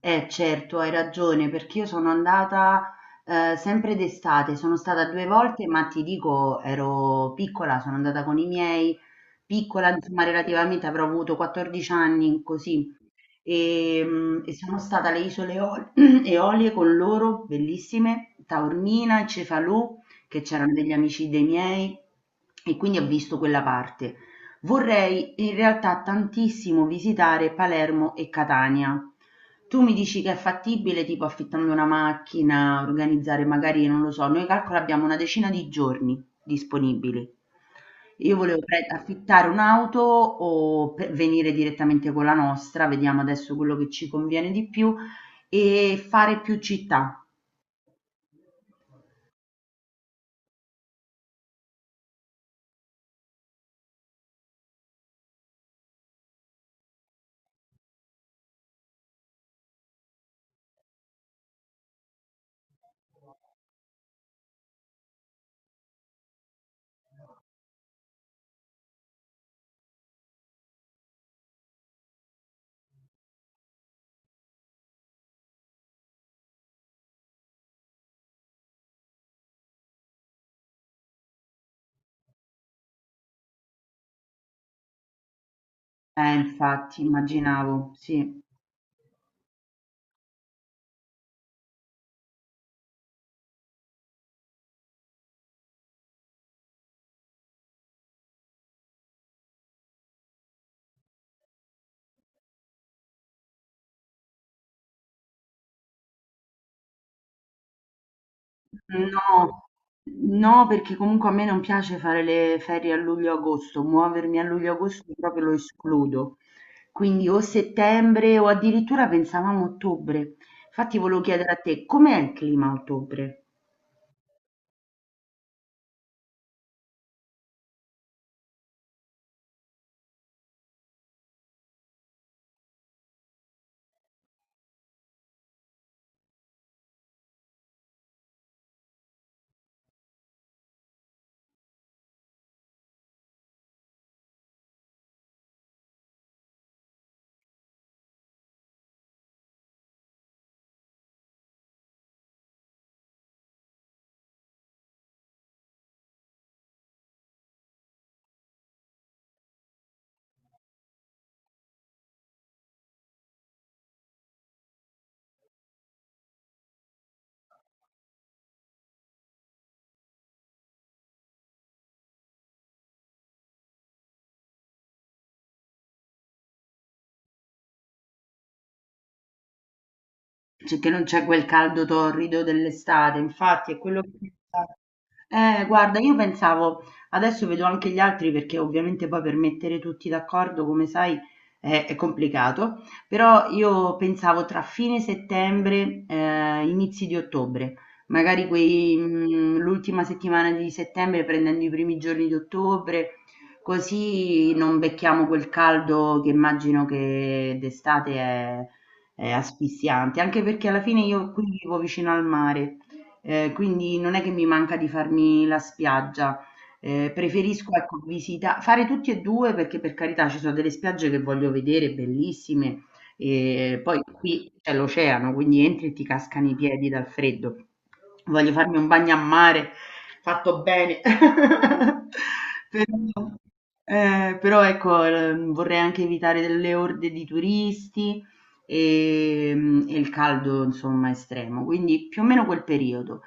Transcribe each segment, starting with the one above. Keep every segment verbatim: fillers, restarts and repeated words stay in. Eh certo, hai ragione, perché io sono andata eh, sempre d'estate, sono stata due volte, ma ti dico, ero piccola, sono andata con i miei, piccola, insomma, relativamente avrò avuto quattordici anni, così, e, mhmm, e sono stata alle isole Eol Eolie con loro, bellissime, Taormina, Cefalù, che c'erano degli amici dei miei e quindi ho visto quella parte. Vorrei in realtà tantissimo visitare Palermo e Catania. Tu mi dici che è fattibile, tipo affittando una macchina, organizzare magari, non lo so, noi calcola abbiamo una decina di giorni disponibili. Io volevo pre- affittare un'auto o pe- venire direttamente con la nostra, vediamo adesso quello che ci conviene di più e fare più città. Eh, infatti, immaginavo, sì. No, no, perché comunque a me non piace fare le ferie a luglio-agosto, muovermi a luglio-agosto proprio lo escludo. Quindi o settembre o addirittura pensavamo ottobre. Infatti volevo chiedere a te, com'è il clima a ottobre? Cioè, che non c'è quel caldo torrido dell'estate, infatti, è quello che pensavo. Eh, guarda, io pensavo, adesso vedo anche gli altri perché ovviamente poi per mettere tutti d'accordo, come sai, è, è complicato, però io pensavo tra fine settembre, eh, inizi di ottobre, magari quei, mm, l'ultima settimana di settembre prendendo i primi giorni di ottobre, così non becchiamo quel caldo che immagino che d'estate è, è asfissiante, anche perché alla fine io qui vivo vicino al mare. Ehm, quindi non è che mi manca di farmi la spiaggia. Ehm, preferisco, ecco, visita fare tutti e due perché, per carità, ci sono delle spiagge che voglio vedere bellissime, ehm, poi qui c'è l'oceano, quindi entri e ti cascano i piedi dal freddo. Voglio farmi un bagno a mare fatto bene. Però, ehm, però ecco, ehm, vorrei anche evitare delle orde di turisti, ehm, e il caldo insomma estremo, quindi più o meno quel periodo.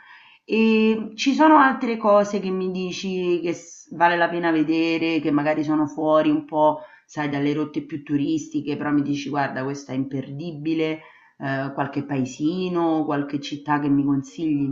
E ci sono altre cose che mi dici che s- vale la pena vedere, che magari sono fuori un po', sai, dalle rotte più turistiche, però mi dici guarda, questa è imperdibile, eh, qualche paesino, qualche città che mi consigli?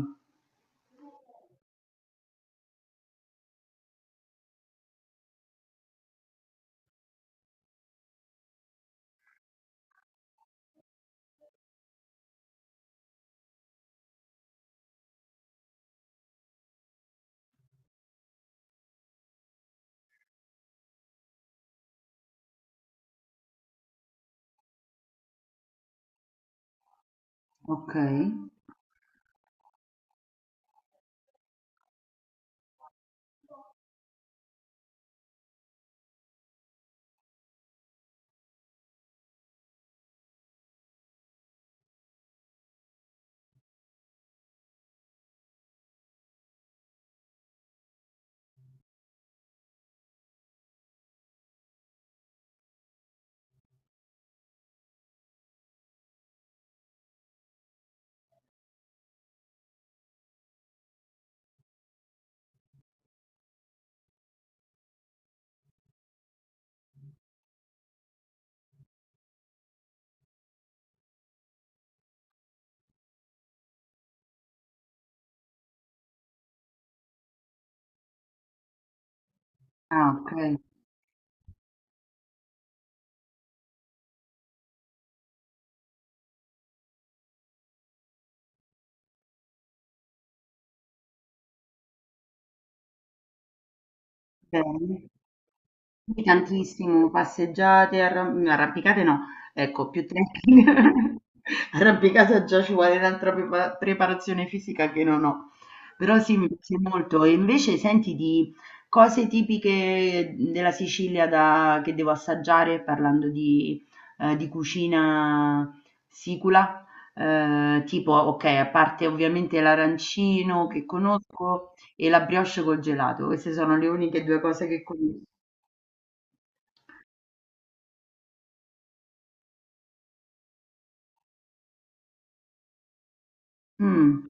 Ok, ah, ok, bene. Sì, tantissimo, passeggiate, arram- no, arrampicate no, ecco, più tecnica. Arrampicata già ci vuole un'altra prepa- preparazione fisica che non ho. Però sì, mi piace molto. E invece senti di cose tipiche della Sicilia da- che devo assaggiare, parlando di, eh, di cucina sicula, eh, tipo, ok, a parte ovviamente l'arancino che conosco e la brioche col gelato, queste sono le uniche due cose che conosco. Mh.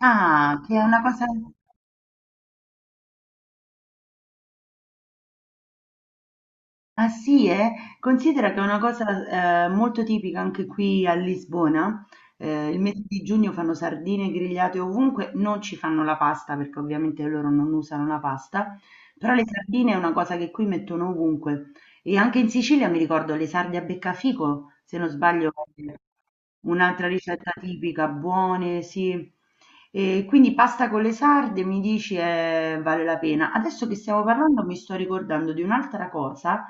Ah, che è una cosa. Ah sì, eh? Considera che è una cosa eh, molto tipica anche qui a Lisbona. Eh, il mese di giugno fanno sardine grigliate ovunque, non ci fanno la pasta perché ovviamente loro non usano la pasta, però le sardine è una cosa che qui mettono ovunque. E anche in Sicilia mi ricordo le sarde a beccafico, se non sbaglio, è un'altra ricetta tipica, buone, sì. E quindi pasta con le sarde mi dici eh, vale la pena. Adesso che stiamo parlando mi sto ricordando di un'altra cosa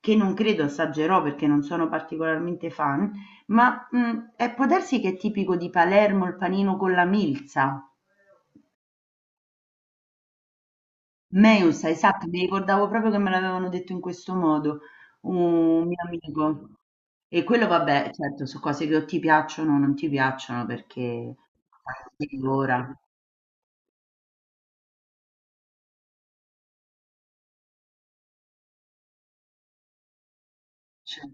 che non credo assaggerò perché non sono particolarmente fan, ma mh, eh, può darsi che è tipico di Palermo il panino con la milza. Meusa, esatto, mi ricordavo proprio che me l'avevano detto in questo modo, un mio amico. E quello vabbè, certo, su cose che o ti piacciono o non ti piacciono perché sai di ora. Cioè,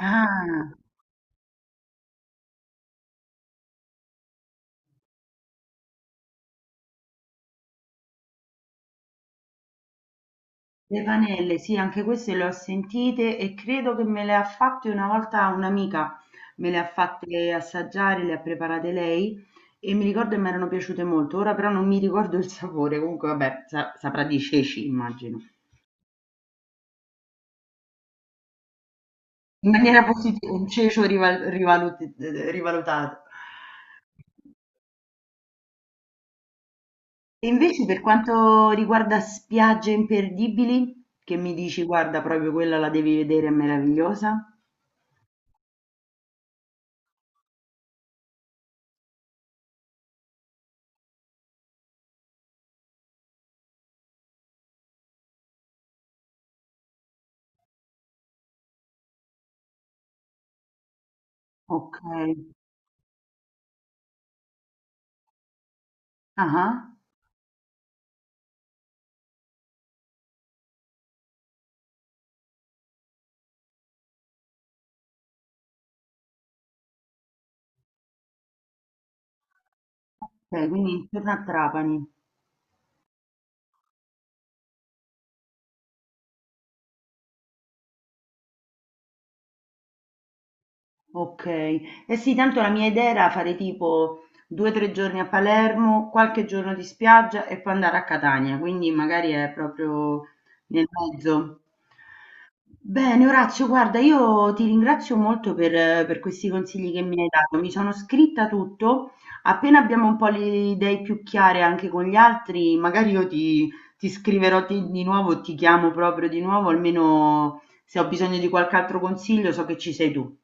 ah. Le panelle, sì, anche queste le ho sentite e credo che me le ha fatte una volta un'amica, me le ha fatte assaggiare, le ha preparate lei e mi ricordo che mi erano piaciute molto, ora però non mi ricordo il sapore, comunque vabbè, sa- saprà di ceci, immagino. In maniera positiva, un cecio rival- rivalut- rivalutato. E invece per quanto riguarda spiagge imperdibili, che mi dici, guarda, proprio quella la devi vedere, è meravigliosa. Ok. Ah. Okay, quindi intorno a Trapani. Okay. Eh sì, tanto la mia idea era fare tipo due, tre giorni a Palermo, qualche giorno di spiaggia e poi andare a Catania, quindi magari è proprio nel mezzo. Bene Orazio, guarda, io ti ringrazio molto per, per questi consigli che mi hai dato. Mi sono scritta tutto. Appena abbiamo un po' le idee più chiare anche con gli altri, magari io ti, ti scriverò ti- di nuovo, ti chiamo proprio di nuovo, almeno se ho bisogno di qualche altro consiglio so che ci sei tu.